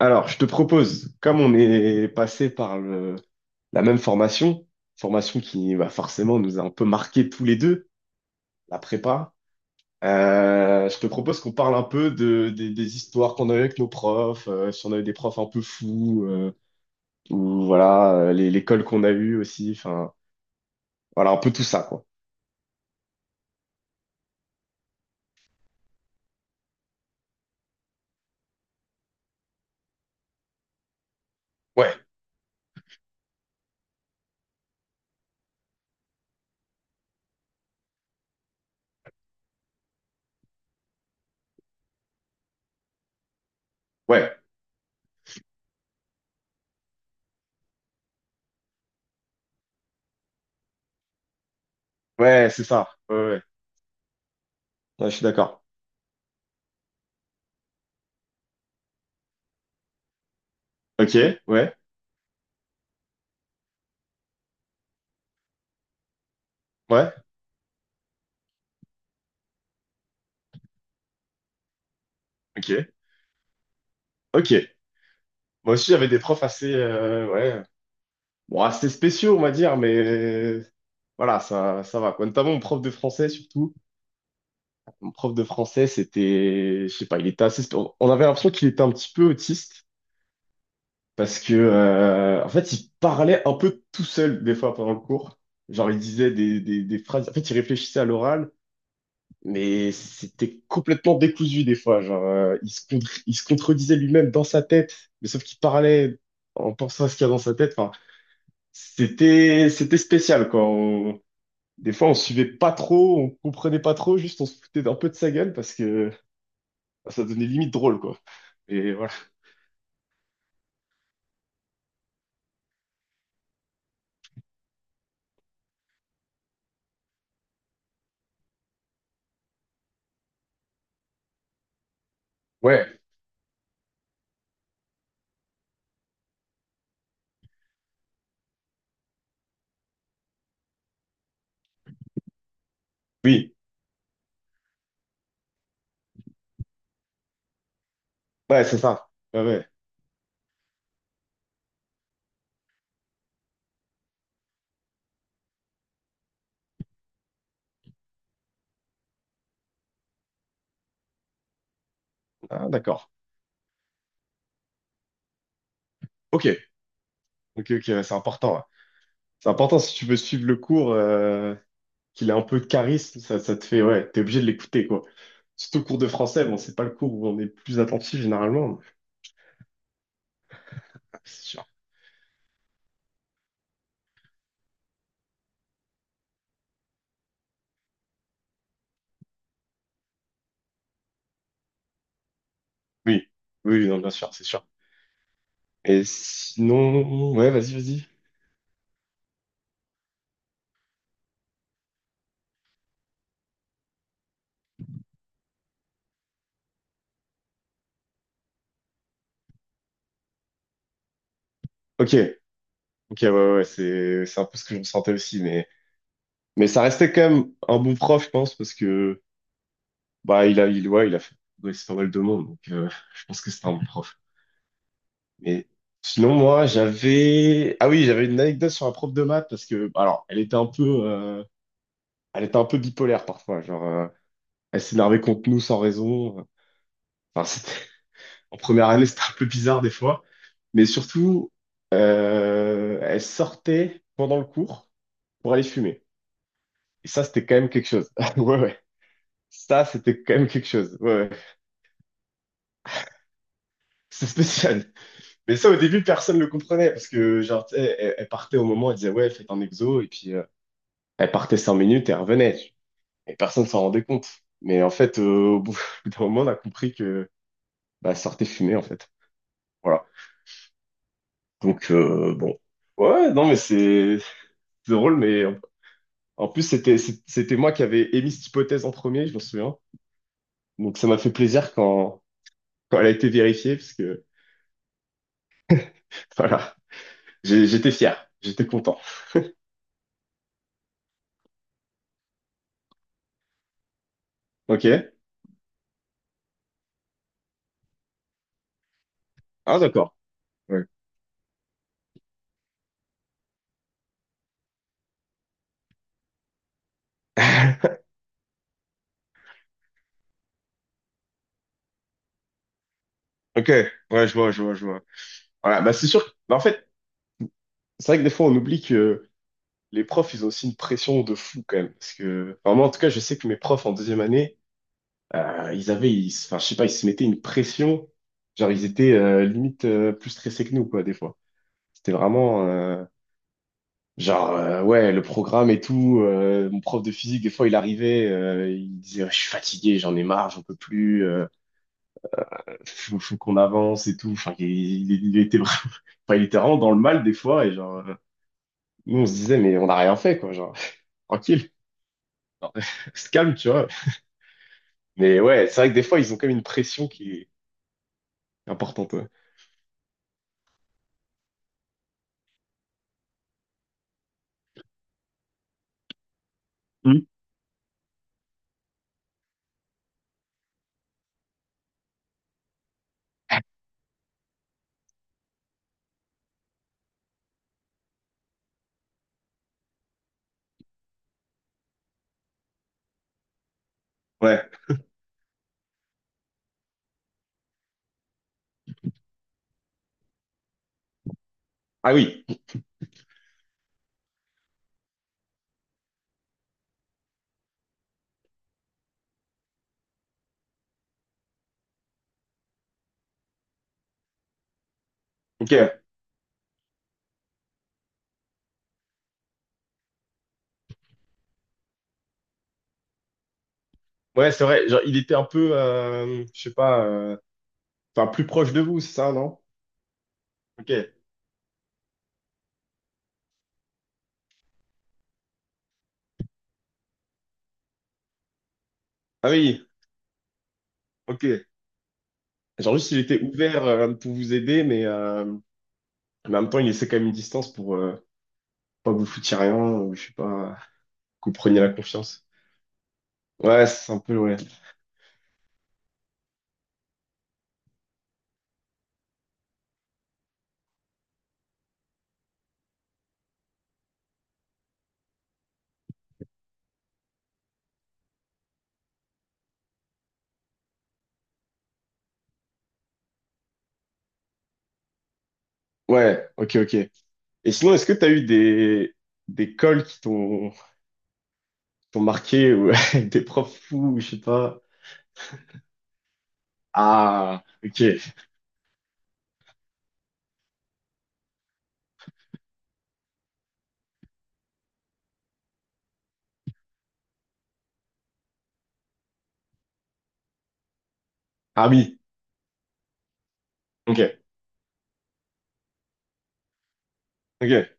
Alors, je te propose, comme on est passé par la même formation qui va forcément nous a un peu marqué tous les deux, la prépa. Je te propose qu'on parle un peu de, des histoires qu'on a eues avec nos profs. Si on a eu des profs un peu fous. Ou voilà, l'école qu'on a eue aussi, enfin, voilà, un peu tout ça, quoi. Ouais, ouais, ouais, c'est ça, ouais, ouais. Ouais, je suis d'accord. Ok, ouais, ouais. Ok, ok. Moi aussi, j'avais des profs assez, ouais. Bon, c'était spéciaux, on va dire, mais voilà, ça va, quoi. Notamment mon prof de français, surtout. Mon prof de français, c'était, je sais pas, il était assez, on avait l'impression qu'il était un petit peu autiste, parce que, en fait, il parlait un peu tout seul, des fois, pendant le cours. Genre, il disait des phrases. En fait, il réfléchissait à l'oral, mais c'était complètement décousu, des fois. Genre, il se contredisait lui-même dans sa tête, mais sauf qu'il parlait en pensant à ce qu'il y a dans sa tête. Enfin, c'était spécial, quoi. Des fois, on suivait pas trop, on comprenait pas trop, juste on se foutait un peu de sa gueule parce que bah, ça devenait limite drôle, quoi. Et voilà. Ouais, oui, ouais, c'est ça. Ouais, ouais. Ah, d'accord. Ok, ok, ok, ouais, c'est important. Ouais. C'est important si tu veux suivre le cours, qu'il a un peu de charisme, ça te fait, ouais, t'es obligé de l'écouter, quoi. Surtout le cours de français, bon, c'est pas le cours où on est le plus attentif généralement. Ah, c'est sûr. Oui, oui, oui, non, bien sûr, c'est sûr. Et sinon, ouais, vas-y, vas-y. Ok, ok, ouais, ouais, ouais, c'est un peu ce que je ressentais aussi, mais ça restait quand même un bon prof, je pense, parce que il a fait progresser pas mal de monde, donc je pense que c'était un bon prof. Mais sinon moi j'avais ah oui j'avais une anecdote sur un prof de maths parce que bah, alors elle était un peu euh, elle était un peu bipolaire parfois, genre elle s'énervait contre nous sans raison. Enfin c'était en première année, c'était un peu bizarre des fois, mais surtout elle sortait pendant le cours pour aller fumer. Et ça c'était quand même quelque chose. Ouais, ouais, ça c'était quand même quelque chose. Ouais, ouais. C'est spécial. Mais ça, au début, personne le comprenait parce que, genre, tu sais, elle partait au moment, elle disait, ouais, faites un exo, et puis elle partait 5 minutes et elle revenait. Et personne s'en rendait compte. Mais en fait, au bout d'un moment, on a compris que bah, elle sortait fumer, en fait. Voilà. Donc, bon. Ouais, non, mais c'est drôle, mais en plus, c'était moi qui avais émis cette hypothèse en premier, je m'en souviens. Donc, ça m'a fait plaisir quand, elle a été vérifiée, parce que, voilà. J'étais fier, j'étais content. Ok? Ah, d'accord. Ouais. Ok, ouais, je vois, je vois, je vois. Voilà, bah c'est sûr. Bah, en fait, c'est vrai que des fois on oublie que les profs, ils ont aussi une pression de fou quand même. Parce que enfin, moi, en tout cas, je sais que mes profs en deuxième année, ils avaient, enfin, je sais pas, ils se mettaient une pression. Genre, ils étaient limite plus stressés que nous, quoi, des fois. C'était vraiment genre, ouais, le programme et tout. Mon prof de physique, des fois, il arrivait, il disait, ouais, je suis fatigué, j'en ai marre, j'en peux plus, faut qu'on avance et tout. Enfin, il était vraiment, enfin, il était vraiment dans le mal des fois et genre. Nous, on se disait, mais on n'a rien fait, quoi, genre, tranquille, genre, se calme, tu vois. Mais ouais, c'est vrai que des fois, ils ont comme une pression qui est importante. Ouais. Hmm. Ouais. Ah oui, ok. Ouais, c'est vrai, genre, il était un peu, je sais pas, enfin, plus proche de vous, c'est ça, non? Ok. Ah oui, ok. Genre, juste, il était ouvert pour vous aider, mais en même temps, il laissait quand même une distance pour pas que vous foutiez rien, ou je sais pas, que vous preniez la confiance. Ouais, c'est un peu, ouais. Ouais, ok, ok. Et sinon, est-ce que tu as eu des cols qui t'ont marqué ou avec des profs fous, ou je sais pas. Ah, ok. Ah oui, ok, ok.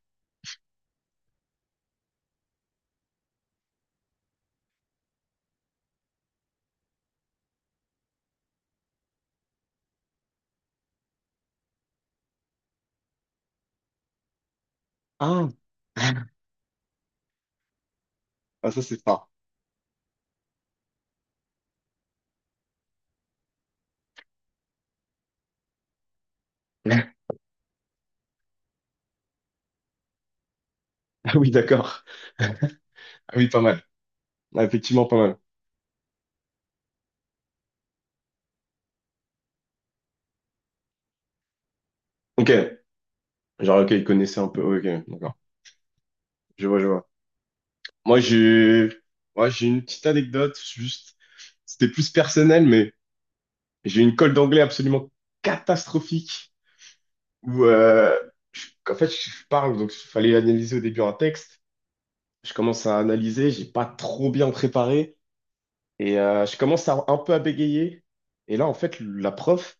Ah, ah ça c'est fort. Ah oui, d'accord. Ah oui, pas mal. Ah, effectivement, pas mal. Ok. Genre, ok, ils connaissaient un peu. Ouais, ok, d'accord. Je vois, je vois. Moi, j'ai, moi, j'ai une petite anecdote, juste, c'était plus personnel, mais j'ai une colle d'anglais absolument catastrophique, où en fait je parle, donc il fallait analyser au début un texte. Je commence à analyser, j'ai pas trop bien préparé et je commence à, un peu à bégayer. Et là en fait la prof,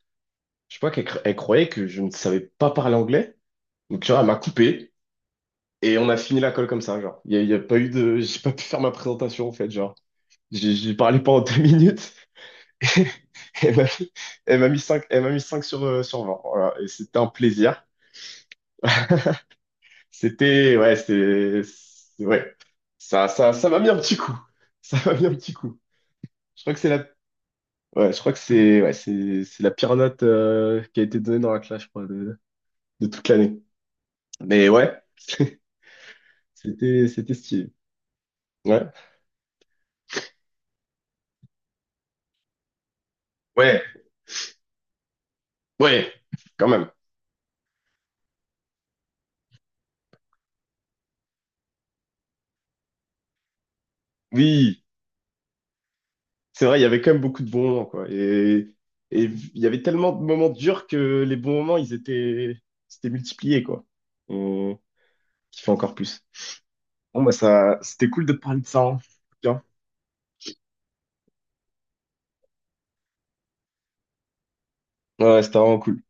je sais pas elle croyait que je ne savais pas parler anglais, donc tu vois elle m'a coupé et on a fini la colle comme ça genre. Il y a pas eu j'ai pas pu faire ma présentation en fait genre. J'ai parlé pendant 2 minutes. Elle m'a elle m'a mis 5, elle m'a mis 5 sur 20. Voilà. Et c'était un plaisir. C'était, ouais, ça m'a mis un petit coup. Ça m'a mis un petit coup. Je crois que c'est la, ouais, je crois que c'est, ouais, c'est la pire note qui a été donnée dans la classe, je crois, de toute l'année. Mais ouais, c'était stylé. Ouais, ouais, ouais, quand même. Oui, c'est vrai, il y avait quand même beaucoup de bons moments, quoi. Et il y avait tellement de moments durs que les bons moments, ils étaient, c'était multipliés, quoi. On kiffait encore plus. Bon, bah ça, c'était cool de te parler de ça. Hein. Bien. Ouais, c'était vraiment cool.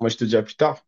Moi, je te dis à plus tard.